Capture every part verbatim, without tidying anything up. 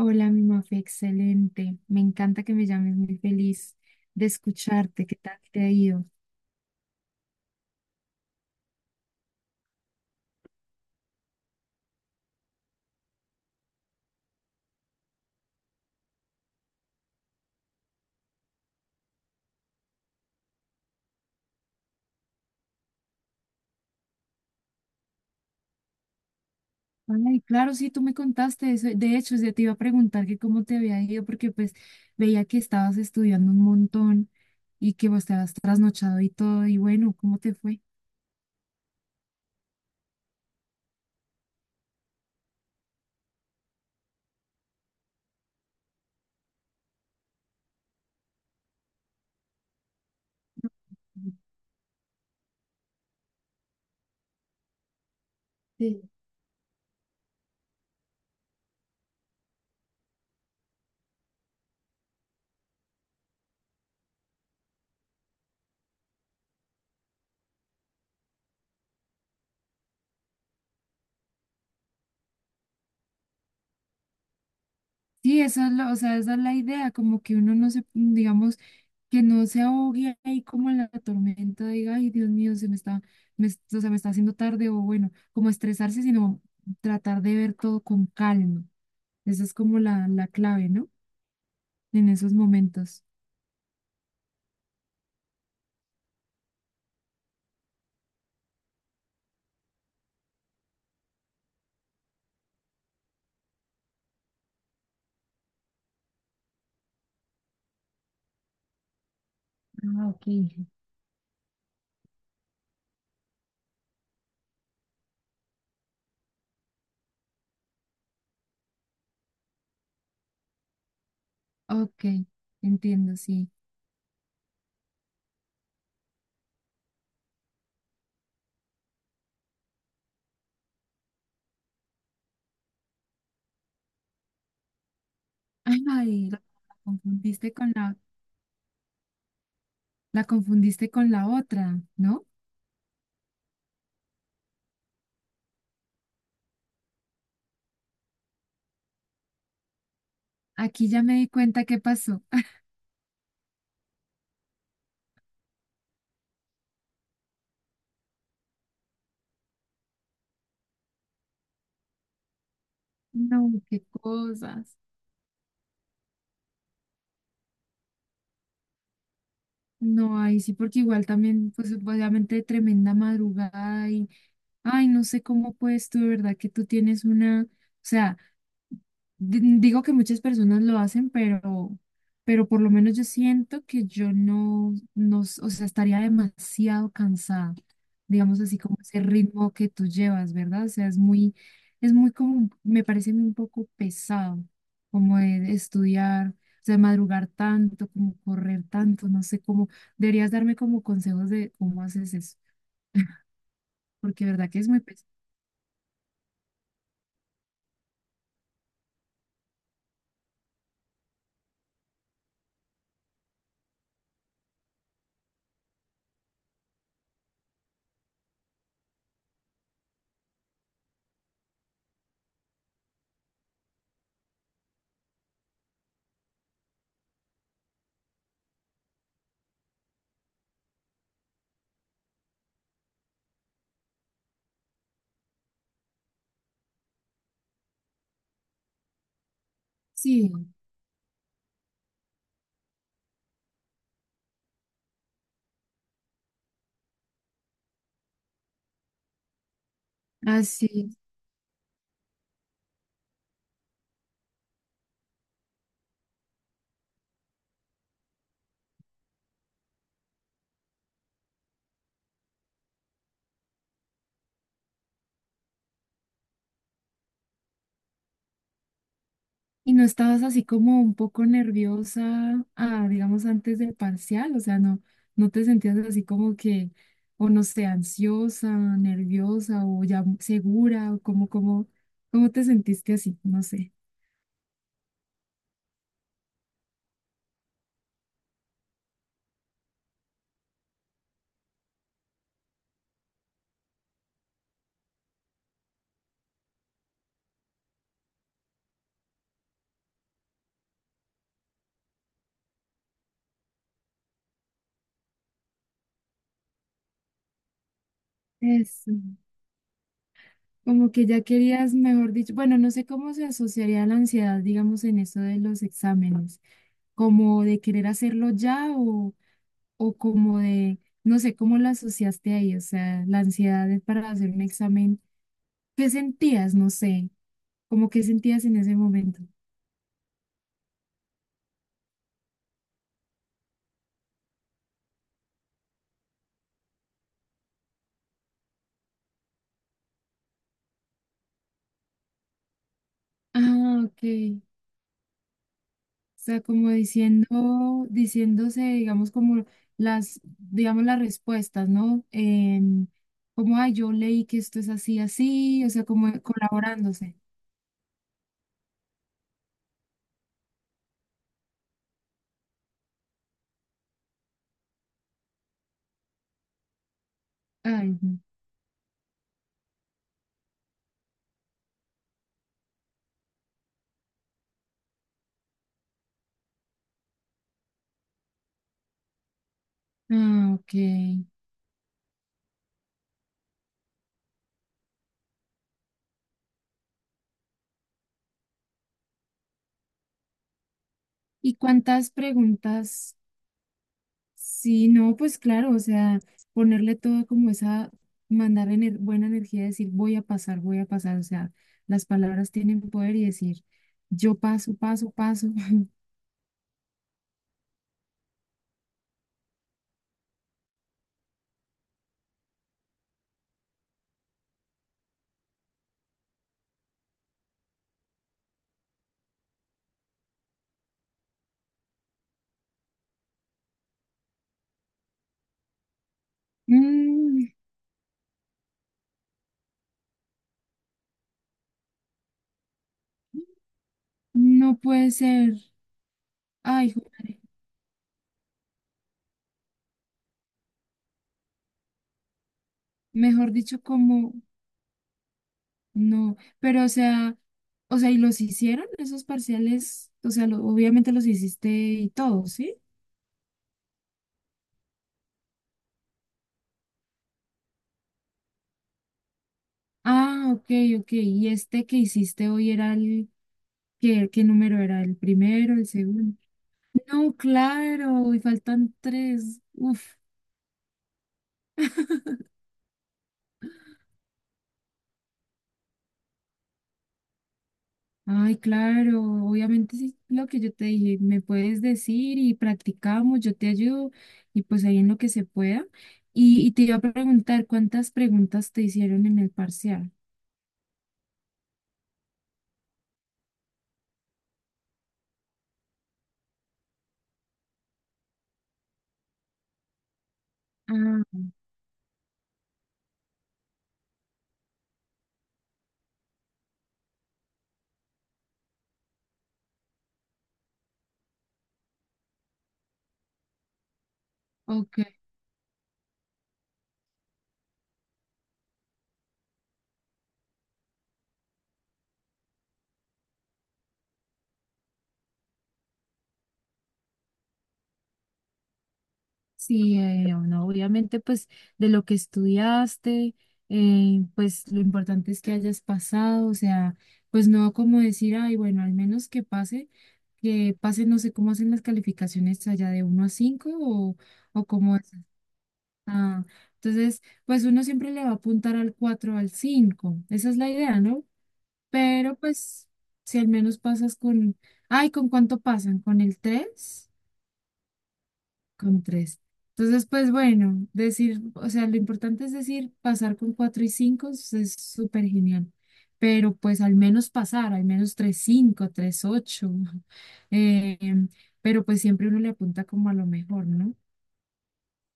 Hola, mi Mafe, excelente. Me encanta que me llames, muy feliz de escucharte. ¿Qué tal te ha ido? Ay, claro, sí, tú me contaste eso. De hecho, yo te iba a preguntar que cómo te había ido, porque pues veía que estabas estudiando un montón y que vos te habías trasnochado y todo. Y bueno, ¿cómo te fue? Sí. Sí, esa es la, o sea, esa es la idea, como que uno no se, digamos, que no se ahogue ahí como en la tormenta, diga, ay, Dios mío, se me está, me, es- o sea, me está haciendo tarde, o bueno, como estresarse, sino tratar de ver todo con calma. Esa es como la, la clave, ¿no? En esos momentos. Ah, ok. Ok, entiendo, sí. Ay, la confundiste con la, la confundiste con la otra, ¿no? Aquí ya me di cuenta qué pasó. No, qué cosas. No, ahí sí, porque igual también, pues obviamente tremenda madrugada y ay, no sé cómo puedes tú, de verdad, que tú tienes una, o sea, di- digo que muchas personas lo hacen, pero, pero por lo menos yo siento que yo no, no, s- o sea, estaría demasiado cansada, digamos así como ese ritmo que tú llevas, ¿verdad? O sea, es muy, es muy como, me parece un poco pesado, como de estudiar, o sea, madrugar tanto, como correr tanto, no sé cómo, deberías darme como consejos de cómo haces eso, porque de verdad que es muy pesado. Sí, así. ¿Y no estabas así como un poco nerviosa, ah, digamos, antes del parcial? O sea, no, no te sentías así como que, o no sé, ansiosa, nerviosa o ya segura, o como, como, ¿cómo te sentiste así? No sé. Eso. Como que ya querías, mejor dicho, bueno, no sé cómo se asociaría la ansiedad, digamos, en eso de los exámenes, como de querer hacerlo ya o, o como de, no sé, cómo la asociaste ahí, o sea, la ansiedad es para hacer un examen. ¿Qué sentías? No sé, como qué sentías en ese momento. Ah, ok. O sea, como diciendo, diciéndose, digamos, como las, digamos, las respuestas, ¿no? En- como, ay, yo leí que esto es así, así, o sea, como colaborándose. Ay, no. Ah, ok. ¿Y cuántas preguntas? Sí, no, pues claro, o sea, ponerle todo como esa, mandar ener- buena energía, decir voy a pasar, voy a pasar, o sea, las palabras tienen poder y decir yo paso, paso, paso. Mm, no puede ser, ay, joder, mejor dicho, como no, pero o sea, o sea, ¿y los hicieron esos parciales? O sea, lo- obviamente los hiciste y todo, ¿sí? Ah, ok, ok, y este que hiciste hoy era el, ¿qué, qué número era? ¿El primero, el segundo? No, claro, y faltan tres. Uf, ay, claro, obviamente sí, lo que yo te dije, me puedes decir y practicamos, yo te ayudo y pues ahí en lo que se pueda. Y, y te iba a preguntar, ¿cuántas preguntas te hicieron en el parcial? Ah, ok. Sí, eh, bueno, obviamente pues de lo que estudiaste, eh, pues lo importante es que hayas pasado, o sea, pues no como decir, ay, bueno, al menos que pase, que pase, no sé cómo hacen las calificaciones allá de uno a cinco o, o cómo es. Ah, entonces, pues uno siempre le va a apuntar al cuatro al cinco, esa es la idea, ¿no? Pero pues si al menos pasas con, ay, ¿con cuánto pasan? ¿Con el tres, con tres? Entonces, pues bueno, decir, o sea, lo importante es decir, pasar con cuatro y cinco es es súper genial, pero pues al menos pasar, al menos tres cinco, tres ocho, eh, pero pues siempre uno le apunta como a lo mejor, ¿no?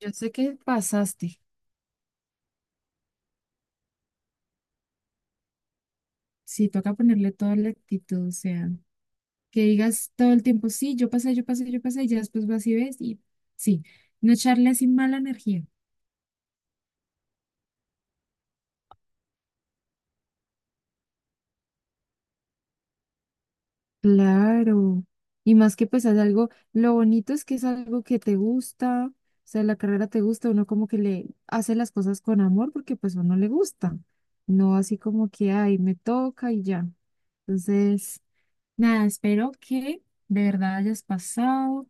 Yo sé que pasaste, sí, toca ponerle toda la actitud, o sea, que digas todo el tiempo, sí, yo pasé, yo pasé, yo pasé, y ya después vas y ves y sí, no echarle así mala energía. Claro, y más que pues es algo, lo bonito es que es algo que te gusta, o sea, la carrera te gusta, uno como que le hace las cosas con amor porque pues a uno le gusta, no así como que, ay, me toca y ya. Entonces, nada, espero que de verdad hayas pasado.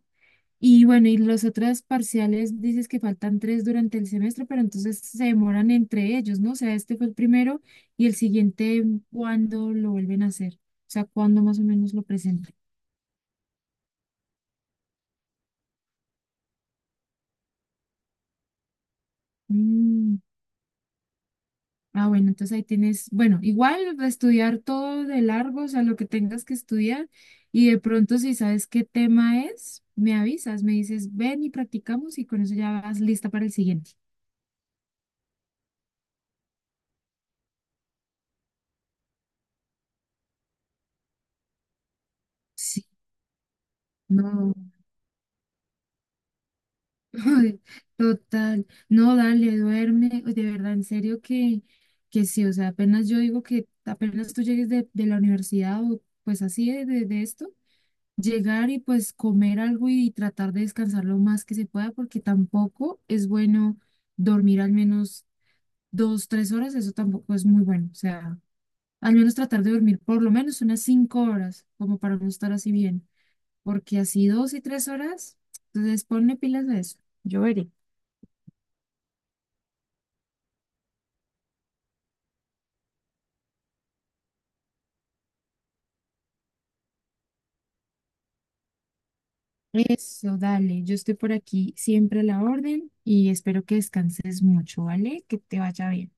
Y bueno, y los otros parciales, dices que faltan tres durante el semestre, pero entonces se demoran entre ellos, ¿no? O sea, este fue el primero y el siguiente, ¿cuándo lo vuelven a hacer? O sea, ¿cuándo más o menos lo presentan? Mm, ah, bueno, entonces ahí tienes, bueno, igual estudiar todo de largo, o sea, lo que tengas que estudiar, y de pronto si sabes qué tema es, me avisas, me dices, ven y practicamos y con eso ya vas lista para el siguiente. Sí. No, total, no, dale, duerme, de verdad, en serio que, que sí, o sea, apenas yo digo que apenas tú llegues de, de la universidad o pues así de, de de esto. Llegar y pues comer algo y tratar de descansar lo más que se pueda, porque tampoco es bueno dormir al menos dos, tres horas, eso tampoco es muy bueno. O sea, al menos tratar de dormir por lo menos unas cinco horas, como para no estar así bien, porque así dos y tres horas, entonces ponle pilas a eso. Yo veré. Eso, dale, yo estoy por aquí siempre a la orden y espero que descanses mucho, ¿vale? Que te vaya bien.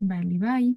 Vale, bye.